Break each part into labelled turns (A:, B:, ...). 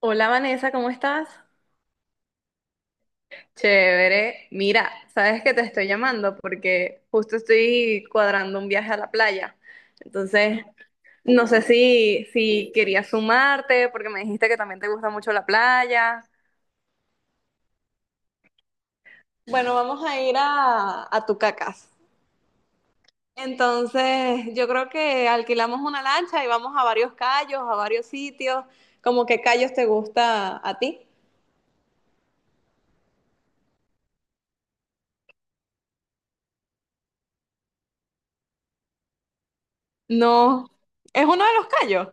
A: Hola Vanessa, ¿cómo estás? Chévere. Mira, sabes que te estoy llamando porque justo estoy cuadrando un viaje a la playa. Entonces, no sé si querías sumarte porque me dijiste que también te gusta mucho la playa. Bueno, vamos a ir a Tucacas. Entonces, yo creo que alquilamos una lancha y vamos a varios callos, a varios sitios. ¿Cómo qué callos te gusta a ti? No, es uno de los callos.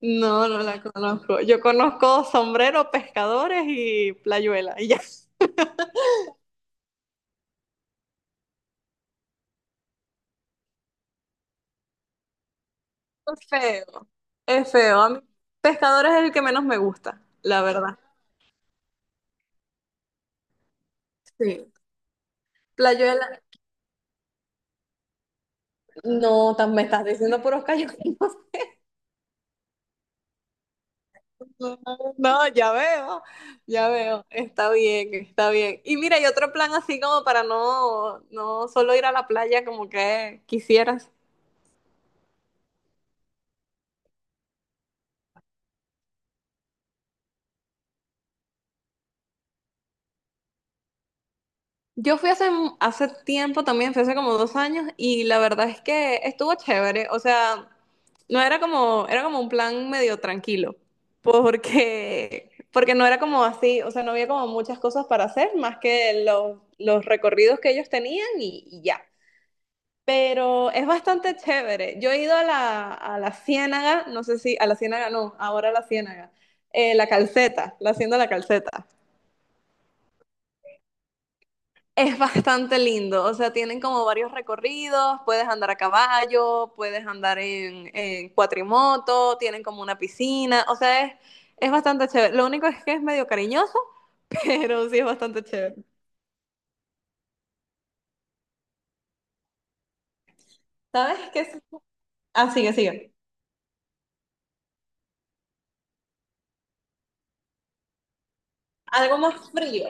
A: No, no la conozco. Yo conozco sombrero, pescadores y playuela. Y ya. Es feo. Es feo. A mí, pescadores es el que menos me gusta, la verdad. Sí. Playuela. No, me estás diciendo puros callos. No, no, ya veo, está bien, está bien. Y mira, y otro plan así como para no solo ir a la playa como que quisieras. Yo fui hace tiempo también, fui hace como 2 años, y la verdad es que estuvo chévere. O sea, no era como, era como un plan medio tranquilo, porque no era como así, o sea, no había como muchas cosas para hacer, más que los recorridos que ellos tenían y ya. Pero es bastante chévere. Yo he ido a la Ciénaga, no sé si, a la Ciénaga no, ahora a la Ciénaga. La Calceta, la Hacienda de la Calceta. Es bastante lindo, o sea, tienen como varios recorridos, puedes andar a caballo, puedes andar en cuatrimoto, tienen como una piscina, o sea, es bastante chévere. Lo único es que es medio cariñoso, pero sí es bastante chévere. ¿Sabes qué es? Ah, sigue, sigue. Algo más frío.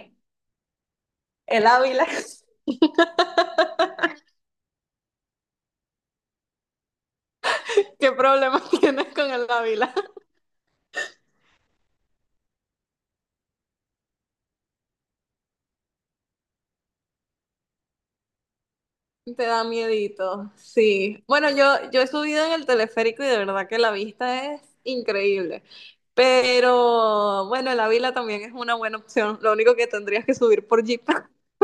A: El Ávila. ¿Qué problema tienes con el Ávila? Te da miedito, sí. Bueno, yo he subido en el teleférico y de verdad que la vista es increíble. Pero bueno, el Ávila también es una buena opción. Lo único que tendrías que subir por Jeep.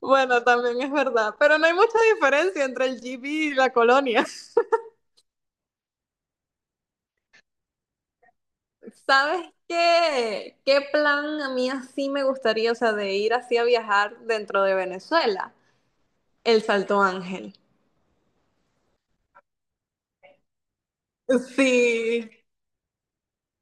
A: Bueno, también es verdad. Pero no hay mucha diferencia entre el Jeep y la colonia. ¿Sabes qué? ¿Qué plan a mí así me gustaría, o sea, de ir así a viajar dentro de Venezuela? El Salto Ángel. Sí,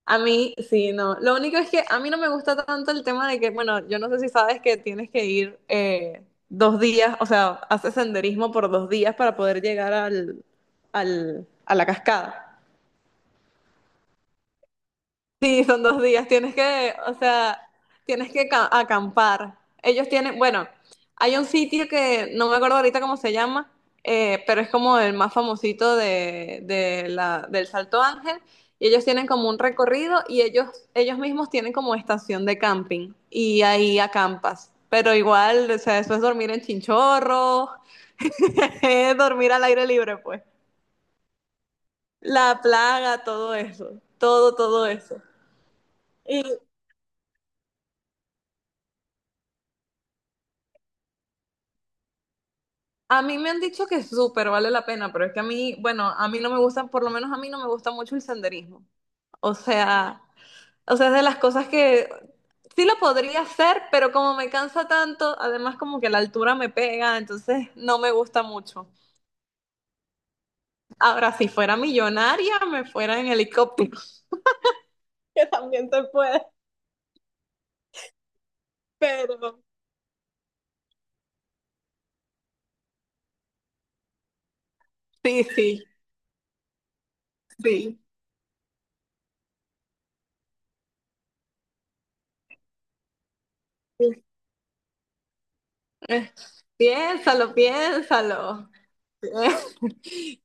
A: a mí, sí, no. Lo único es que a mí no me gusta tanto el tema de que, bueno, yo no sé si sabes que tienes que ir 2 días, o sea, haces senderismo por 2 días para poder llegar a la cascada. Sí, son 2 días. Tienes que, o sea, tienes que acampar. Ellos tienen, bueno, hay un sitio que no me acuerdo ahorita cómo se llama, pero es como el más famosito del Salto Ángel. Y ellos tienen como un recorrido y ellos mismos tienen como estación de camping y ahí acampas. Pero igual, o sea, eso es dormir en chinchorro, es dormir al aire libre, pues. La plaga, todo eso, todo eso. A mí me han dicho que súper vale la pena, pero es que a mí, bueno, a mí no me gusta, por lo menos a mí no me gusta mucho el senderismo. O sea, o sea, es de las cosas que sí lo podría hacer, pero como me cansa tanto, además como que la altura me pega, entonces no me gusta mucho. Ahora, si fuera millonaria, me fuera en helicóptero. Que también se puede, pero… Sí, sí, sí. Eh, Piénsalo, piénsalo.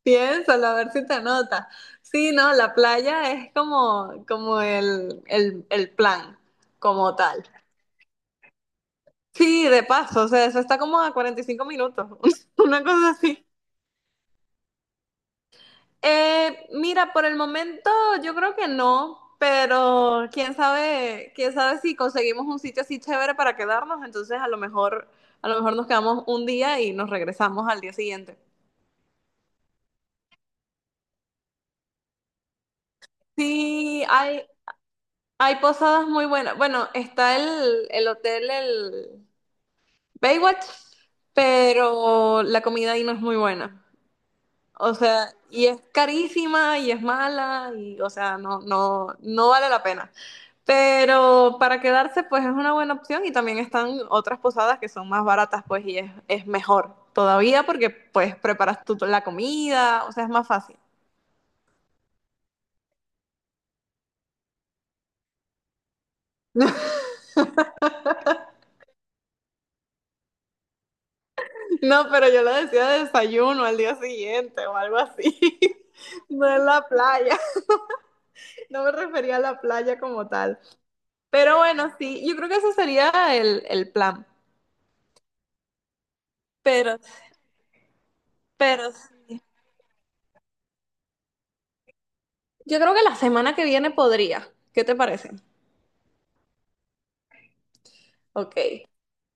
A: Piénsalo, a ver si te nota. Sí, no, la playa es como el plan, como tal. Sí, de paso, o sea, eso está como a 45 minutos, una cosa así. Mira, por el momento yo creo que no, pero quién sabe si conseguimos un sitio así chévere para quedarnos, entonces a lo mejor nos quedamos un día y nos regresamos al día siguiente. Sí, hay posadas muy buenas. Bueno, está el hotel, el Baywatch, pero la comida ahí no es muy buena. O sea, y es carísima y es mala y, o sea, no, no, no vale la pena. Pero para quedarse, pues es una buena opción y también están otras posadas que son más baratas, pues, y es mejor todavía porque, pues, preparas tú la comida, o sea, es más fácil. No, pero yo lo decía de desayuno al día siguiente o algo así, no en la playa. No me refería a la playa como tal. Pero bueno, sí, yo creo que ese sería el plan. Pero, pero, Yo creo que la semana que viene podría. ¿Qué te parece? Ok.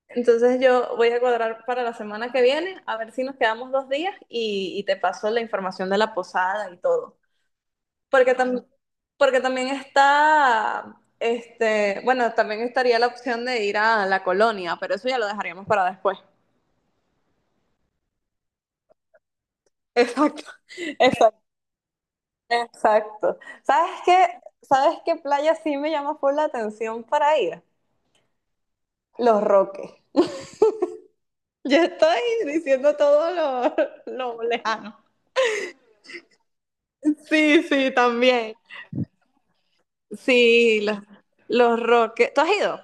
A: Entonces yo voy a cuadrar para la semana que viene, a ver si nos quedamos dos días y te paso la información de la posada y todo. Porque también, está, bueno, también estaría la opción de ir a la colonia, pero eso ya lo dejaríamos para después. Exacto, exacto. Exacto. ¿Sabes qué? ¿Sabes qué playa sí me llama por la atención para ir? Los Roques. Yo estoy diciendo todo lo, lo lejano. Sí, sí, también. Sí, los Roques. ¿Tú has ido?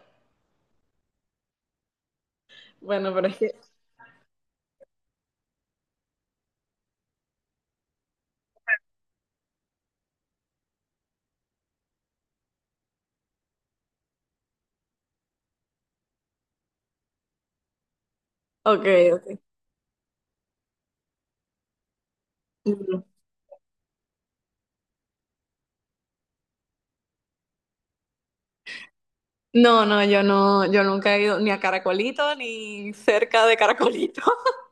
A: Bueno, pero es que… Ok, ok. Mm. No, no, yo no, yo nunca he ido ni a Caracolito ni cerca de Caracolito.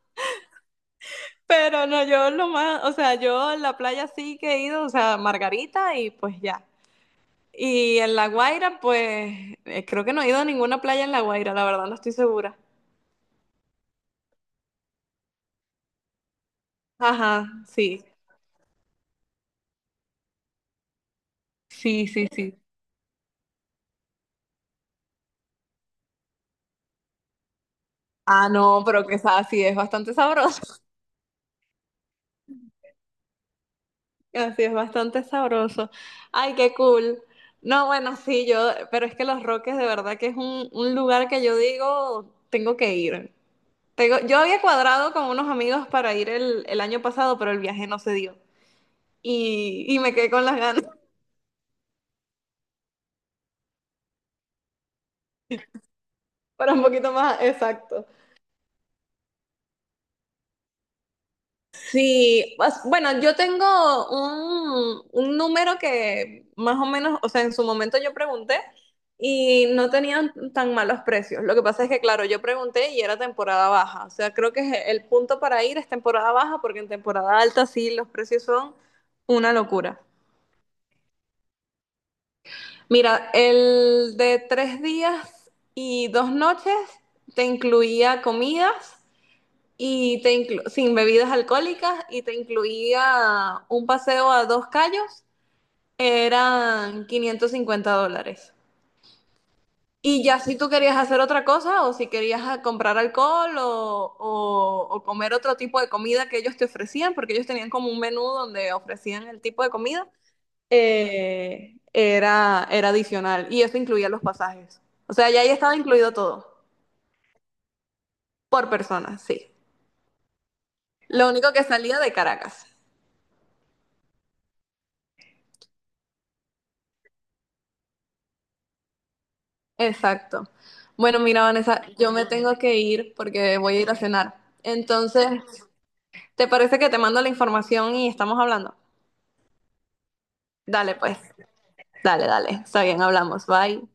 A: Pero no, yo lo más, o sea, yo a la playa sí que he ido, o sea, Margarita y pues ya. Y en La Guaira, pues creo que no he ido a ninguna playa en La Guaira, la verdad no estoy segura. Ajá, sí, sí, sí, sí. Ah, no, pero que así es bastante sabroso. Así es bastante sabroso. Ay, qué cool. No, bueno, sí, yo, pero es que Los Roques de verdad que es un lugar que yo digo, tengo que ir. Yo había cuadrado con unos amigos para ir el año pasado, pero el viaje no se dio. Y me quedé con las ganas para un poquito más, exacto. Sí, pues, bueno, yo tengo un número que más o menos, o sea, en su momento yo pregunté y no tenían tan malos precios. Lo que pasa es que, claro, yo pregunté y era temporada baja. O sea, creo que es el punto para ir es temporada baja porque en temporada alta sí los precios son una locura. Mira, el de 3 días y 2 noches te incluía comidas. Y sin bebidas alcohólicas y te incluía un paseo a dos callos, eran $550. Y ya si tú querías hacer otra cosa o si querías comprar alcohol o comer otro tipo de comida que ellos te ofrecían, porque ellos tenían como un menú donde ofrecían el tipo de comida, era adicional y eso incluía los pasajes. O sea, ya ahí estaba incluido todo, por persona, sí. Lo único que salía de Caracas. Exacto. Bueno, mira, Vanessa, yo me tengo que ir porque voy a ir a cenar. Entonces, ¿te parece que te mando la información y estamos hablando? Dale, pues. Dale, dale. Está bien, hablamos. Bye.